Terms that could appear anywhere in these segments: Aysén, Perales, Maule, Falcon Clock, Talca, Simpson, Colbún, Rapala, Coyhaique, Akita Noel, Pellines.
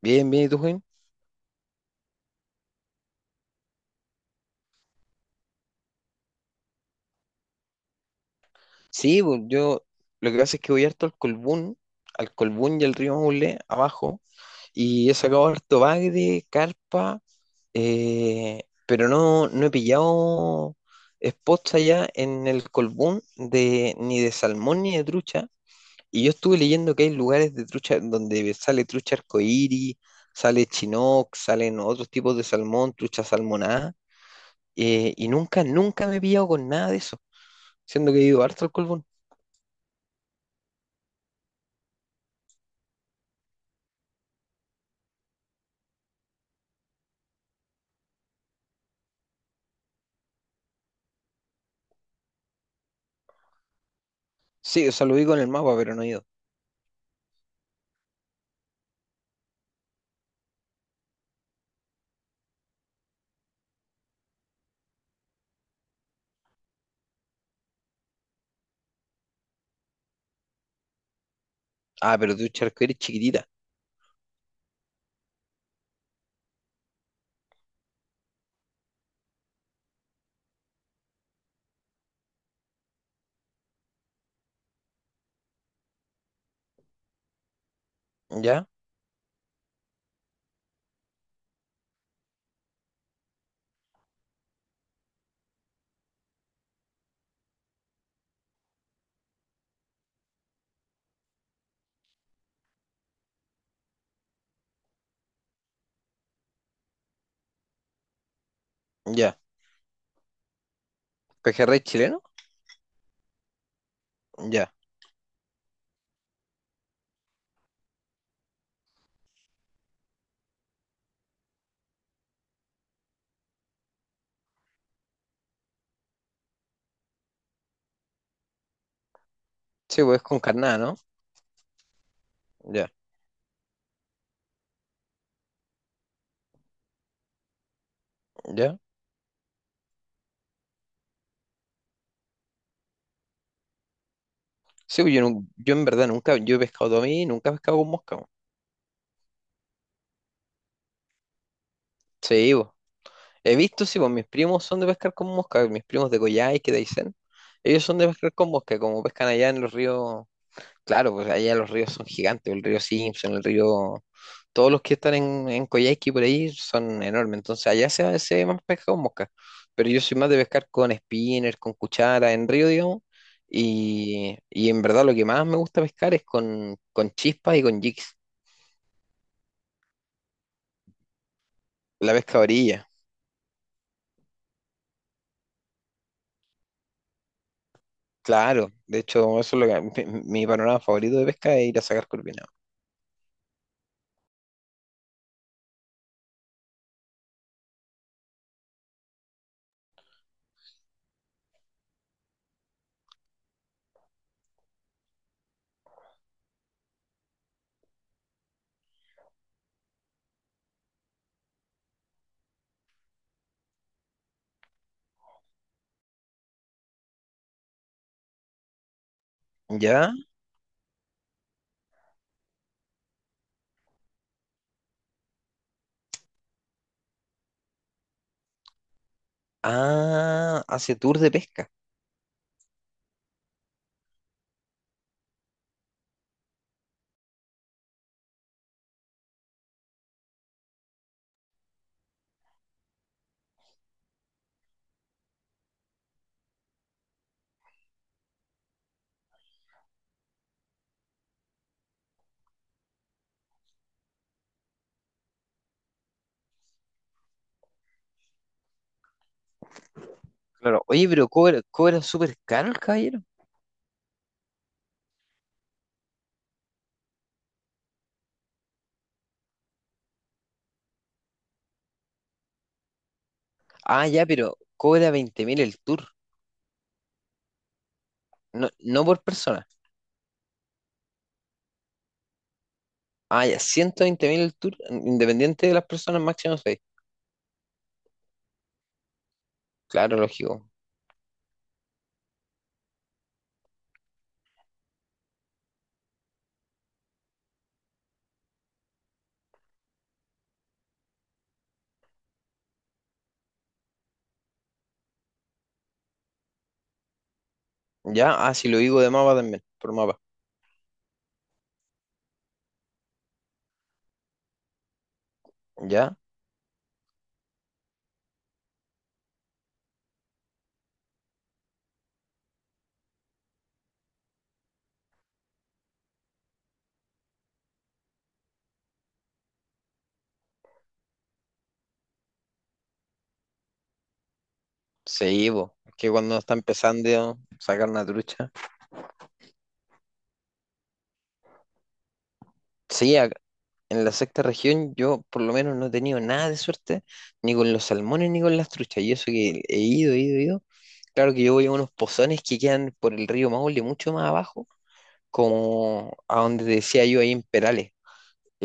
Bien, bien, ¿y tú, Juan? Sí, yo lo que pasa es que voy harto al Colbún y al río Maule, abajo, y he sacado harto bagre, carpa, pero no he pillado spots allá en el Colbún de, ni de salmón ni de trucha. Y yo estuve leyendo que hay lugares de trucha donde sale trucha arcoíris, sale chinook, salen otros tipos de salmón, trucha salmonada, y nunca me he pillado con nada de eso, siendo que he ido harto al Colbún. Sí, o sea, lo vi con el mapa, pero no he ido. Ah, pero tú charco eres chiquitita. Ya, ya. ¿Pejerrey chileno? Ya. Sí, pues es con carnada, ¿no? Ya, ya. Sí, pues yo, yo en verdad nunca, yo he pescado todo a mí, nunca he pescado con mosca, po. Sí, pues. He visto, sí, pues mis primos son de pescar con mosca, mis primos de Coyhaique, de Aysén. Ellos son de pescar con mosca, como pescan allá en los ríos. Claro, pues allá los ríos son gigantes, el río Simpson, el río, todos los que están en Coyhaique y por ahí son enormes, entonces allá se ve más pesca con mosca, pero yo soy más de pescar con spinner, con cuchara, en río, digamos, y en verdad lo que más me gusta pescar es con chispas y con jigs, la pesca a orilla, claro, de hecho eso es lo que, mi panorama favorito de pesca es ir a sacar corvinado, ¿ya? Ah, hace tour de pesca, claro, oye, pero cobra súper caro el caballero. Ah, ya, pero cobra 20.000 el tour, no, no por persona. Ah, ya, 120.000 el tour, independiente de las personas, máximo seis. Claro, lógico. Ya, ah, si lo digo de mapa también, por mapa. Ya, sí, po. Es que cuando uno está empezando a sacar una trucha. Sí, en la sexta región yo por lo menos no he tenido nada de suerte, ni con los salmones ni con las truchas. Y eso que he ido, he ido, he ido. Claro que yo voy a unos pozones que quedan por el río Maule, mucho más abajo, como a donde te decía yo ahí en Perales.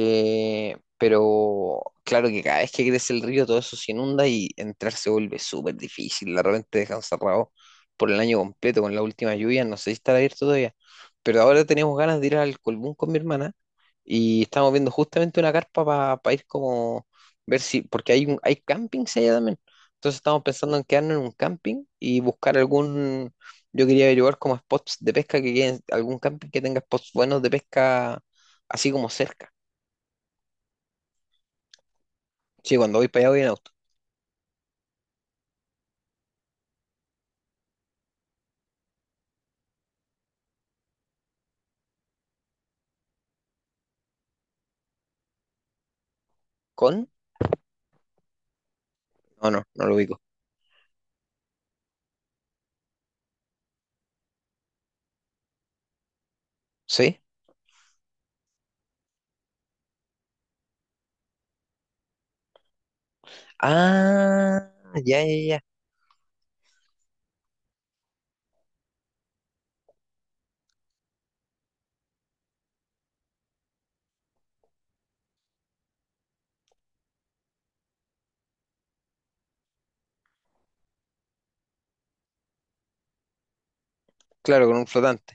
Pero claro que cada vez que crece el río todo eso se inunda y entrar se vuelve súper difícil. De repente dejan cerrado por el año completo con la última lluvia. No sé si estará abierto todavía. Pero ahora teníamos ganas de ir al Colbún con mi hermana y estamos viendo justamente una carpa para ir como ver si, porque hay campings allá también. Entonces estamos pensando en quedarnos en un camping y buscar algún, yo quería averiguar como spots de pesca que queden, algún camping que tenga spots buenos de pesca así como cerca. Sí, cuando voy para allá voy en auto. ¿Con? No, no, no lo ubico. ¿Sí? Ah, ya, ya, ya. Claro, con un flotante.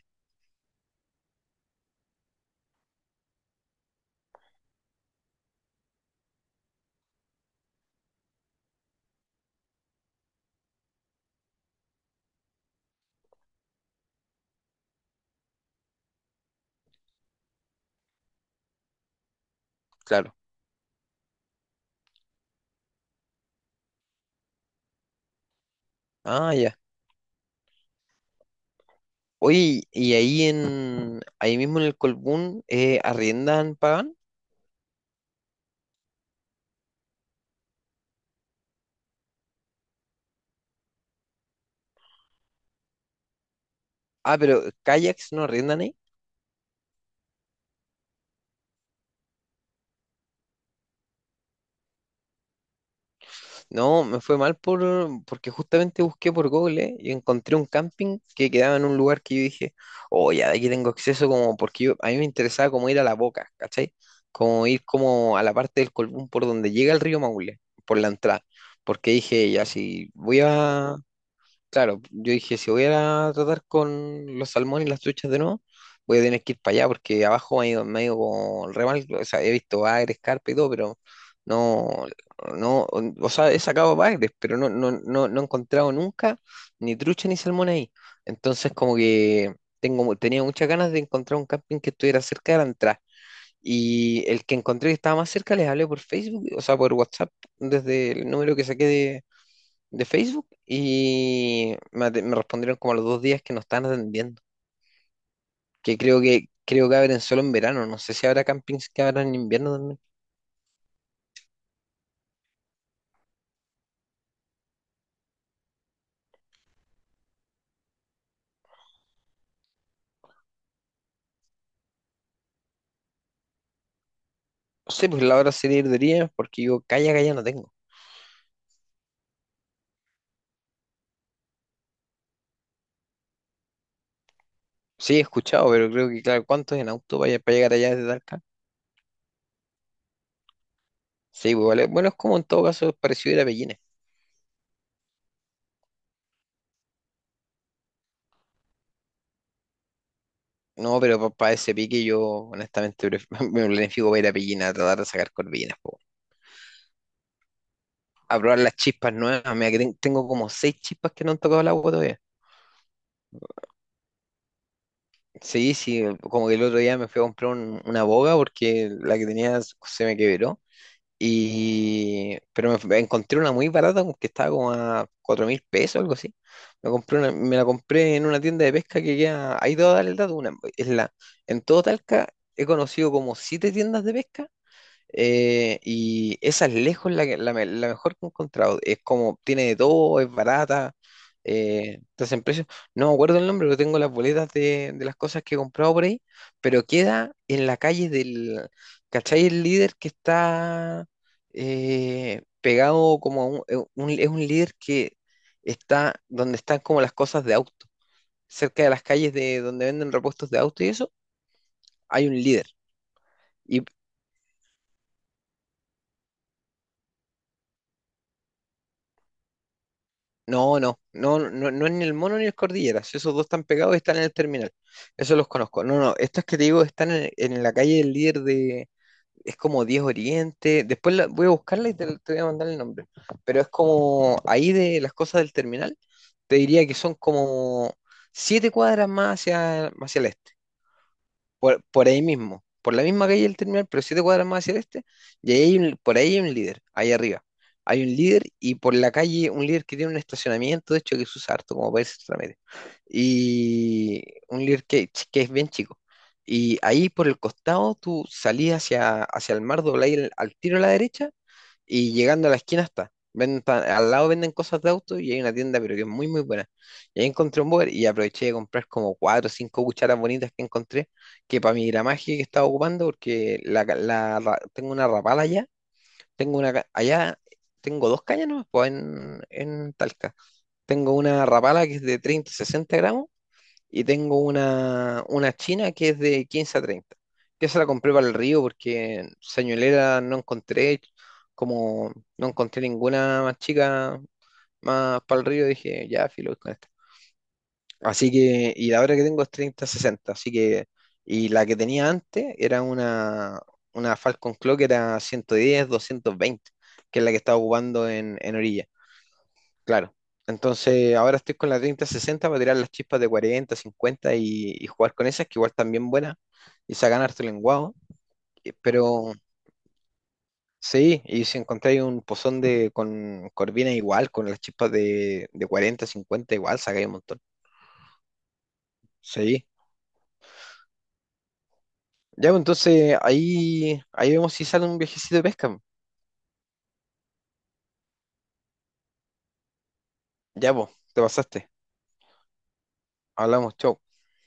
Claro. Ah, ya. Oye, y ahí mismo en el Colbún, ¿arriendan, pagan? Ah, pero kayaks no arriendan. No, me fue mal porque justamente busqué por Google y encontré un camping que quedaba en un lugar que yo dije, oh, ya de aquí tengo acceso como porque a mí me interesaba como ir a la boca, ¿cachai? Como ir como a la parte del Colbún por donde llega el río Maule, por la entrada, porque dije, ya si voy a. Claro, yo dije, si voy a tratar con los salmones y las truchas de nuevo, voy a tener que ir para allá porque abajo me ha ido como re mal. O sea, he visto bagres, carpa y todo, pero no, no, o sea, he sacado bagres, pero no, no he encontrado nunca ni trucha ni salmón ahí. Entonces, como que tenía muchas ganas de encontrar un camping que estuviera cerca de la entrada. Y el que encontré que estaba más cerca, les hablé por Facebook, o sea, por WhatsApp, desde el número que saqué de Facebook y me respondieron como a los 2 días que no están atendiendo. Que creo que abren solo en verano. No sé si habrá campings que abran en invierno también. No sé, pues la hora sería ir de día porque yo calla, calla no tengo. Sí, he escuchado, pero creo que, claro, ¿cuánto es en auto para llegar allá desde Talca? Sí, pues vale. Bueno, es como en todo caso es parecido ir a Pellines. No, pero para ese pique yo honestamente me planifico para ir a Pellines a tratar de sacar corvinas, po. A probar las chispas nuevas. Mira, que tengo como seis chispas que no han tocado el agua todavía. Sí, sí, como que el otro día me fui a comprar una boga porque la que tenía se me quebró. Y, pero encontré una muy barata como que estaba como a 4.000 pesos, algo así. Me compré me la compré en una tienda de pesca que queda, ahí te voy a dar el dato, una, es la, en todo Talca he conocido como siete tiendas de pesca. Y esa es lejos la mejor que he encontrado. Es como, tiene de todo, es barata. Estás en precio. No me acuerdo el nombre, pero tengo las boletas de las cosas que he comprado por ahí. Pero queda en la calle del. ¿Cachai? El líder que está pegado como a un- Es un líder que está donde están como las cosas de auto. Cerca de las calles de donde venden repuestos de auto y eso, hay un líder. No, no, no, no, no es ni el Mono ni el Cordilleras. Esos dos están pegados y están en el terminal. Eso los conozco. No, no, estos que te digo están en la calle del líder de. Es como 10 Oriente. Después voy a buscarla y te voy a mandar el nombre. Pero es como ahí de las cosas del terminal. Te diría que son como 7 cuadras más hacia el este, por ahí mismo, por la misma calle del terminal, pero 7 cuadras más hacia el este, y ahí por ahí hay un líder, ahí arriba. Hay un líder y por la calle un líder que tiene un estacionamiento, de hecho, que se usa harto como para irse a medio. Y un líder que es bien chico. Y ahí por el costado tú salís hacia el mar, dobláis al tiro a la derecha y llegando a la esquina está. Venden, al lado venden cosas de auto y hay una tienda, pero que es muy, muy buena. Y ahí encontré un Boer y aproveché de comprar como cuatro o cinco cucharas bonitas que encontré, que para mi gramaje que estaba ocupando, porque la, ca- la ra- tengo una rapala allá, tengo allá, tengo dos cañas, ¿no? Pues en Talca. Tengo una rapala que es de 30-60 gramos y tengo una china que es de 15 a 30. Que esa la compré para el río porque señuelera no encontré, como no encontré ninguna más chica más para el río, dije, ya, filo voy con esta. Así que, y la otra que tengo es 30 sesenta así que, y la que tenía antes era una Falcon Clock que era 110-220, que es la que estaba ocupando en orilla. Claro. Entonces, ahora estoy con la 30-60 para tirar las chispas de 40, 50 y jugar con esas, que igual también buenas, y sacan harto lenguado. Pero sí, y si encontráis un pozón de, con corvina igual, con las chispas de 40, 50 igual, sacáis un montón. Sí. Ya, pues, entonces ahí vemos si sale un viajecito de pesca. Ya, pues, te pasaste. Hablamos, chau.